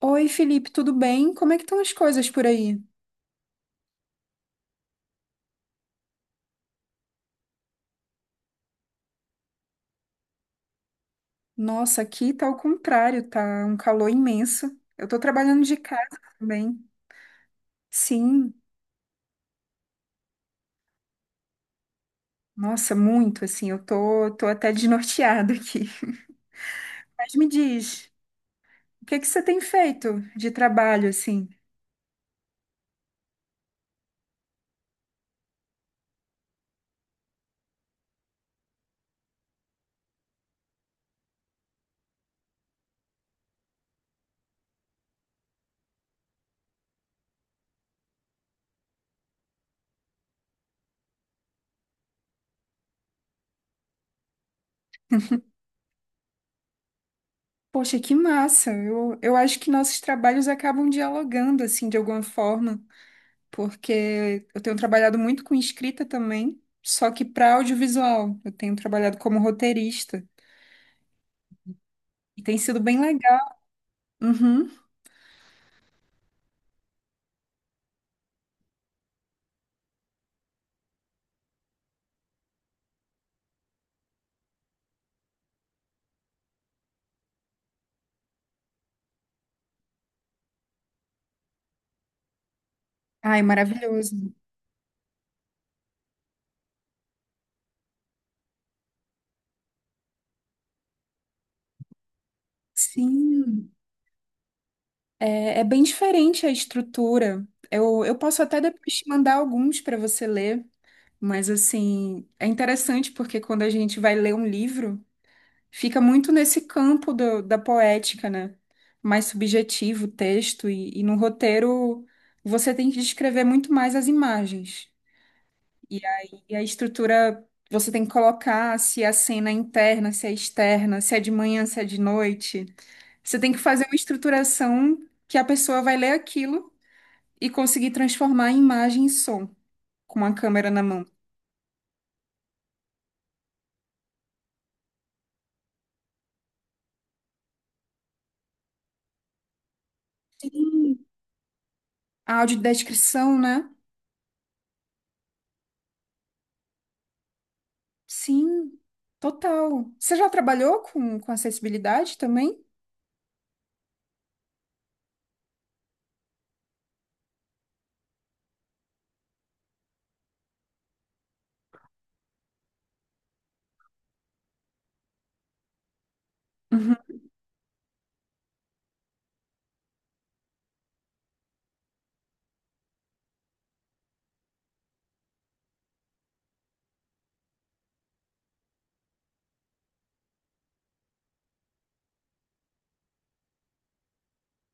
Oi, Felipe, tudo bem? Como é que estão as coisas por aí? Nossa, aqui tá ao contrário, tá um calor imenso. Eu tô trabalhando de casa também. Sim, nossa, muito assim, eu tô até desnorteada aqui. Mas me diz, o que é que você tem feito de trabalho assim? Poxa, que massa! Eu acho que nossos trabalhos acabam dialogando assim de alguma forma, porque eu tenho trabalhado muito com escrita também, só que para audiovisual. Eu tenho trabalhado como roteirista. E tem sido bem legal. Uhum. Ai, maravilhoso. Sim, é, é bem diferente a estrutura. Eu posso até depois te mandar alguns para você ler, mas assim, é interessante porque quando a gente vai ler um livro, fica muito nesse campo do- da poética, né? Mais subjetivo o texto, e no roteiro você tem que descrever muito mais as imagens. E aí a estrutura, você tem que colocar se é a cena é interna, se é externa, se é de manhã, se é de noite. Você tem que fazer uma estruturação que a pessoa vai ler aquilo e conseguir transformar em imagem em som com a câmera na mão. Sim. A audiodescrição, né? Sim, total. Você já trabalhou com acessibilidade também? Uhum.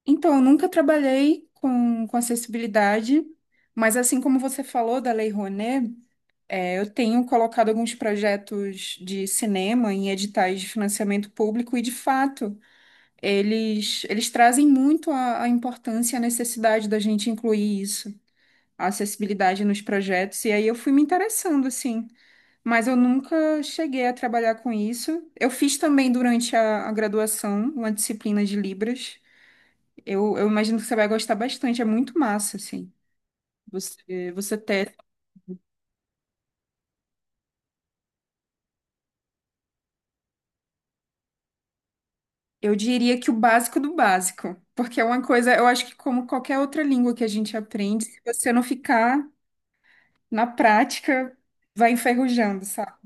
Então, eu nunca trabalhei com acessibilidade, mas assim como você falou da Lei Rouanet. É, eu tenho colocado alguns projetos de cinema em editais de financiamento público e, de fato, eles trazem muito a importância e a necessidade da gente incluir isso, a acessibilidade nos projetos. E aí eu fui me interessando, assim, mas eu nunca cheguei a trabalhar com isso. Eu fiz também durante a graduação uma disciplina de Libras. Eu imagino que você vai gostar bastante, é muito massa, assim. Você ter eu diria que o básico do básico, porque é uma coisa, eu acho que como qualquer outra língua que a gente aprende, se você não ficar na prática, vai enferrujando, sabe?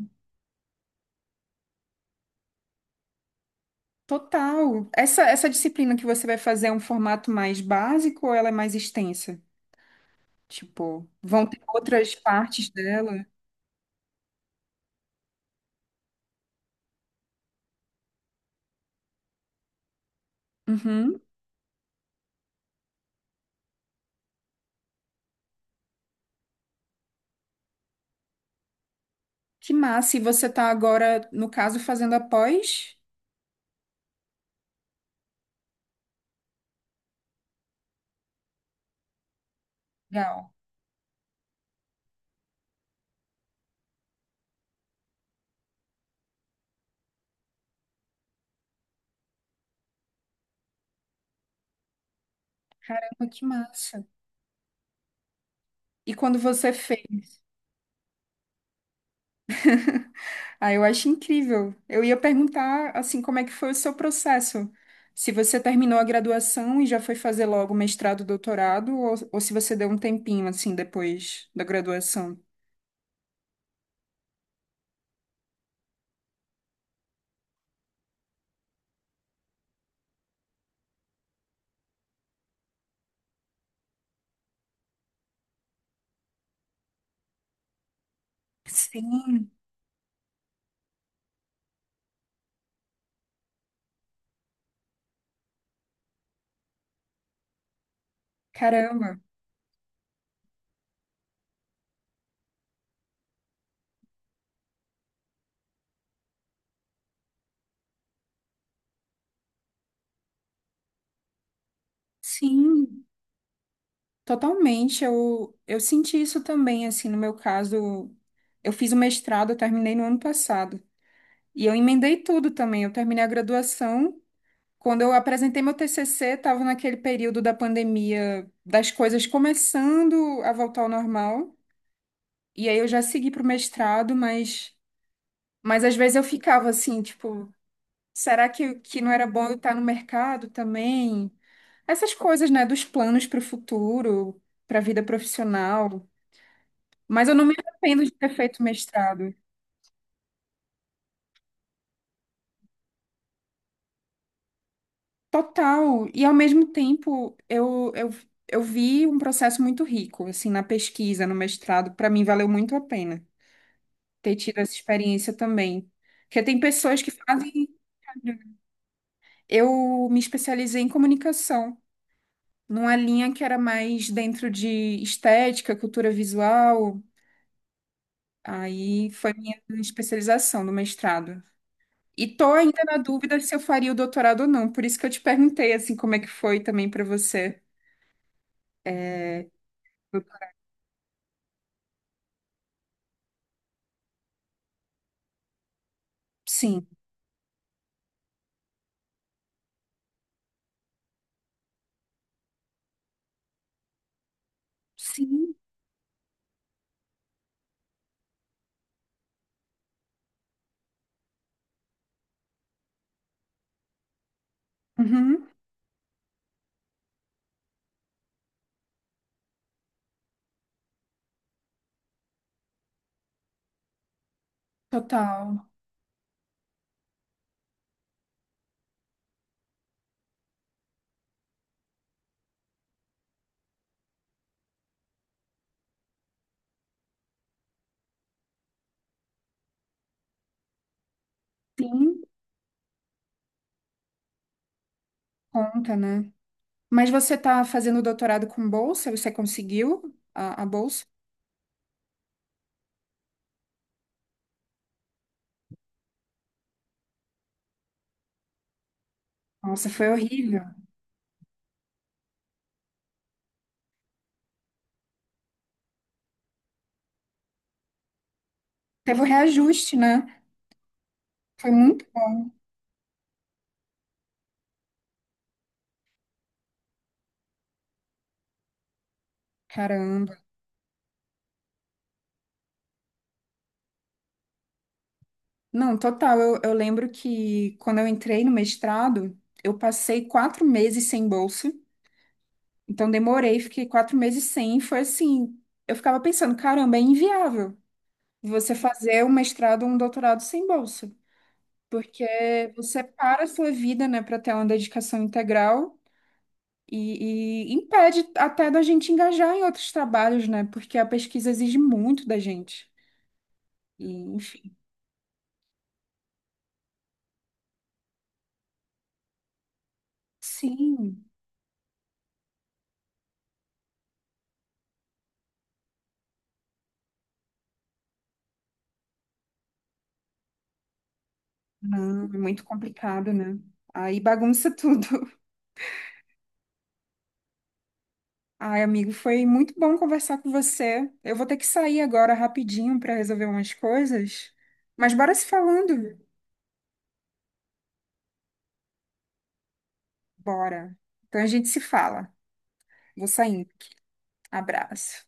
Total. Essa disciplina que você vai fazer é um formato mais básico ou ela é mais extensa? Tipo, vão ter outras partes dela? Uhum. Que massa. E você tá agora, no caso, fazendo a pós? Legal. Que massa. E quando você fez? Ah, eu acho incrível. Eu ia perguntar, assim, como é que foi o seu processo? Se você terminou a graduação e já foi fazer logo mestrado, doutorado, ou se você deu um tempinho, assim, depois da graduação? Sim, caramba. Sim, totalmente. Eu senti isso também, assim, no meu caso. Eu fiz o mestrado, eu terminei no ano passado. E eu emendei tudo também. Eu terminei a graduação. Quando eu apresentei meu TCC, estava naquele período da pandemia, das coisas começando a voltar ao normal. E aí eu já segui para o mestrado, mas às vezes eu ficava assim, tipo, será que não era bom eu estar no mercado também? Essas coisas, né, dos planos para o futuro, para a vida profissional. Mas eu não me arrependo de ter feito mestrado. Total. E ao mesmo tempo, eu vi um processo muito rico, assim, na pesquisa, no mestrado. Para mim, valeu muito a pena ter tido essa experiência também. Porque tem pessoas que fazem. Eu me especializei em comunicação, numa linha que era mais dentro de estética, cultura visual. Aí foi minha especialização no mestrado. E tô ainda na dúvida se eu faria o doutorado ou não. Por isso que eu te perguntei, assim, como é que foi também para você. É, sim. Sim. Uhum, total. Sim, conta, né? Mas você tá fazendo doutorado com bolsa? Você conseguiu a bolsa? Nossa, foi horrível. Teve o reajuste, né? Foi muito bom, caramba. Não, total. Eu lembro que quando eu entrei no mestrado, eu passei 4 meses sem bolsa. Então demorei, fiquei 4 meses sem, e foi assim, eu ficava pensando, caramba, é inviável você fazer um mestrado ou um doutorado sem bolsa. Porque você para a sua vida, né, para ter uma dedicação integral e impede até da gente engajar em outros trabalhos, né? Porque a pesquisa exige muito da gente. E, enfim. Sim, não, é muito complicado, né? Aí bagunça tudo. Ai, amigo, foi muito bom conversar com você. Eu vou ter que sair agora rapidinho para resolver umas coisas. Mas bora se falando. Bora. Então a gente se fala. Vou saindo. Abraço.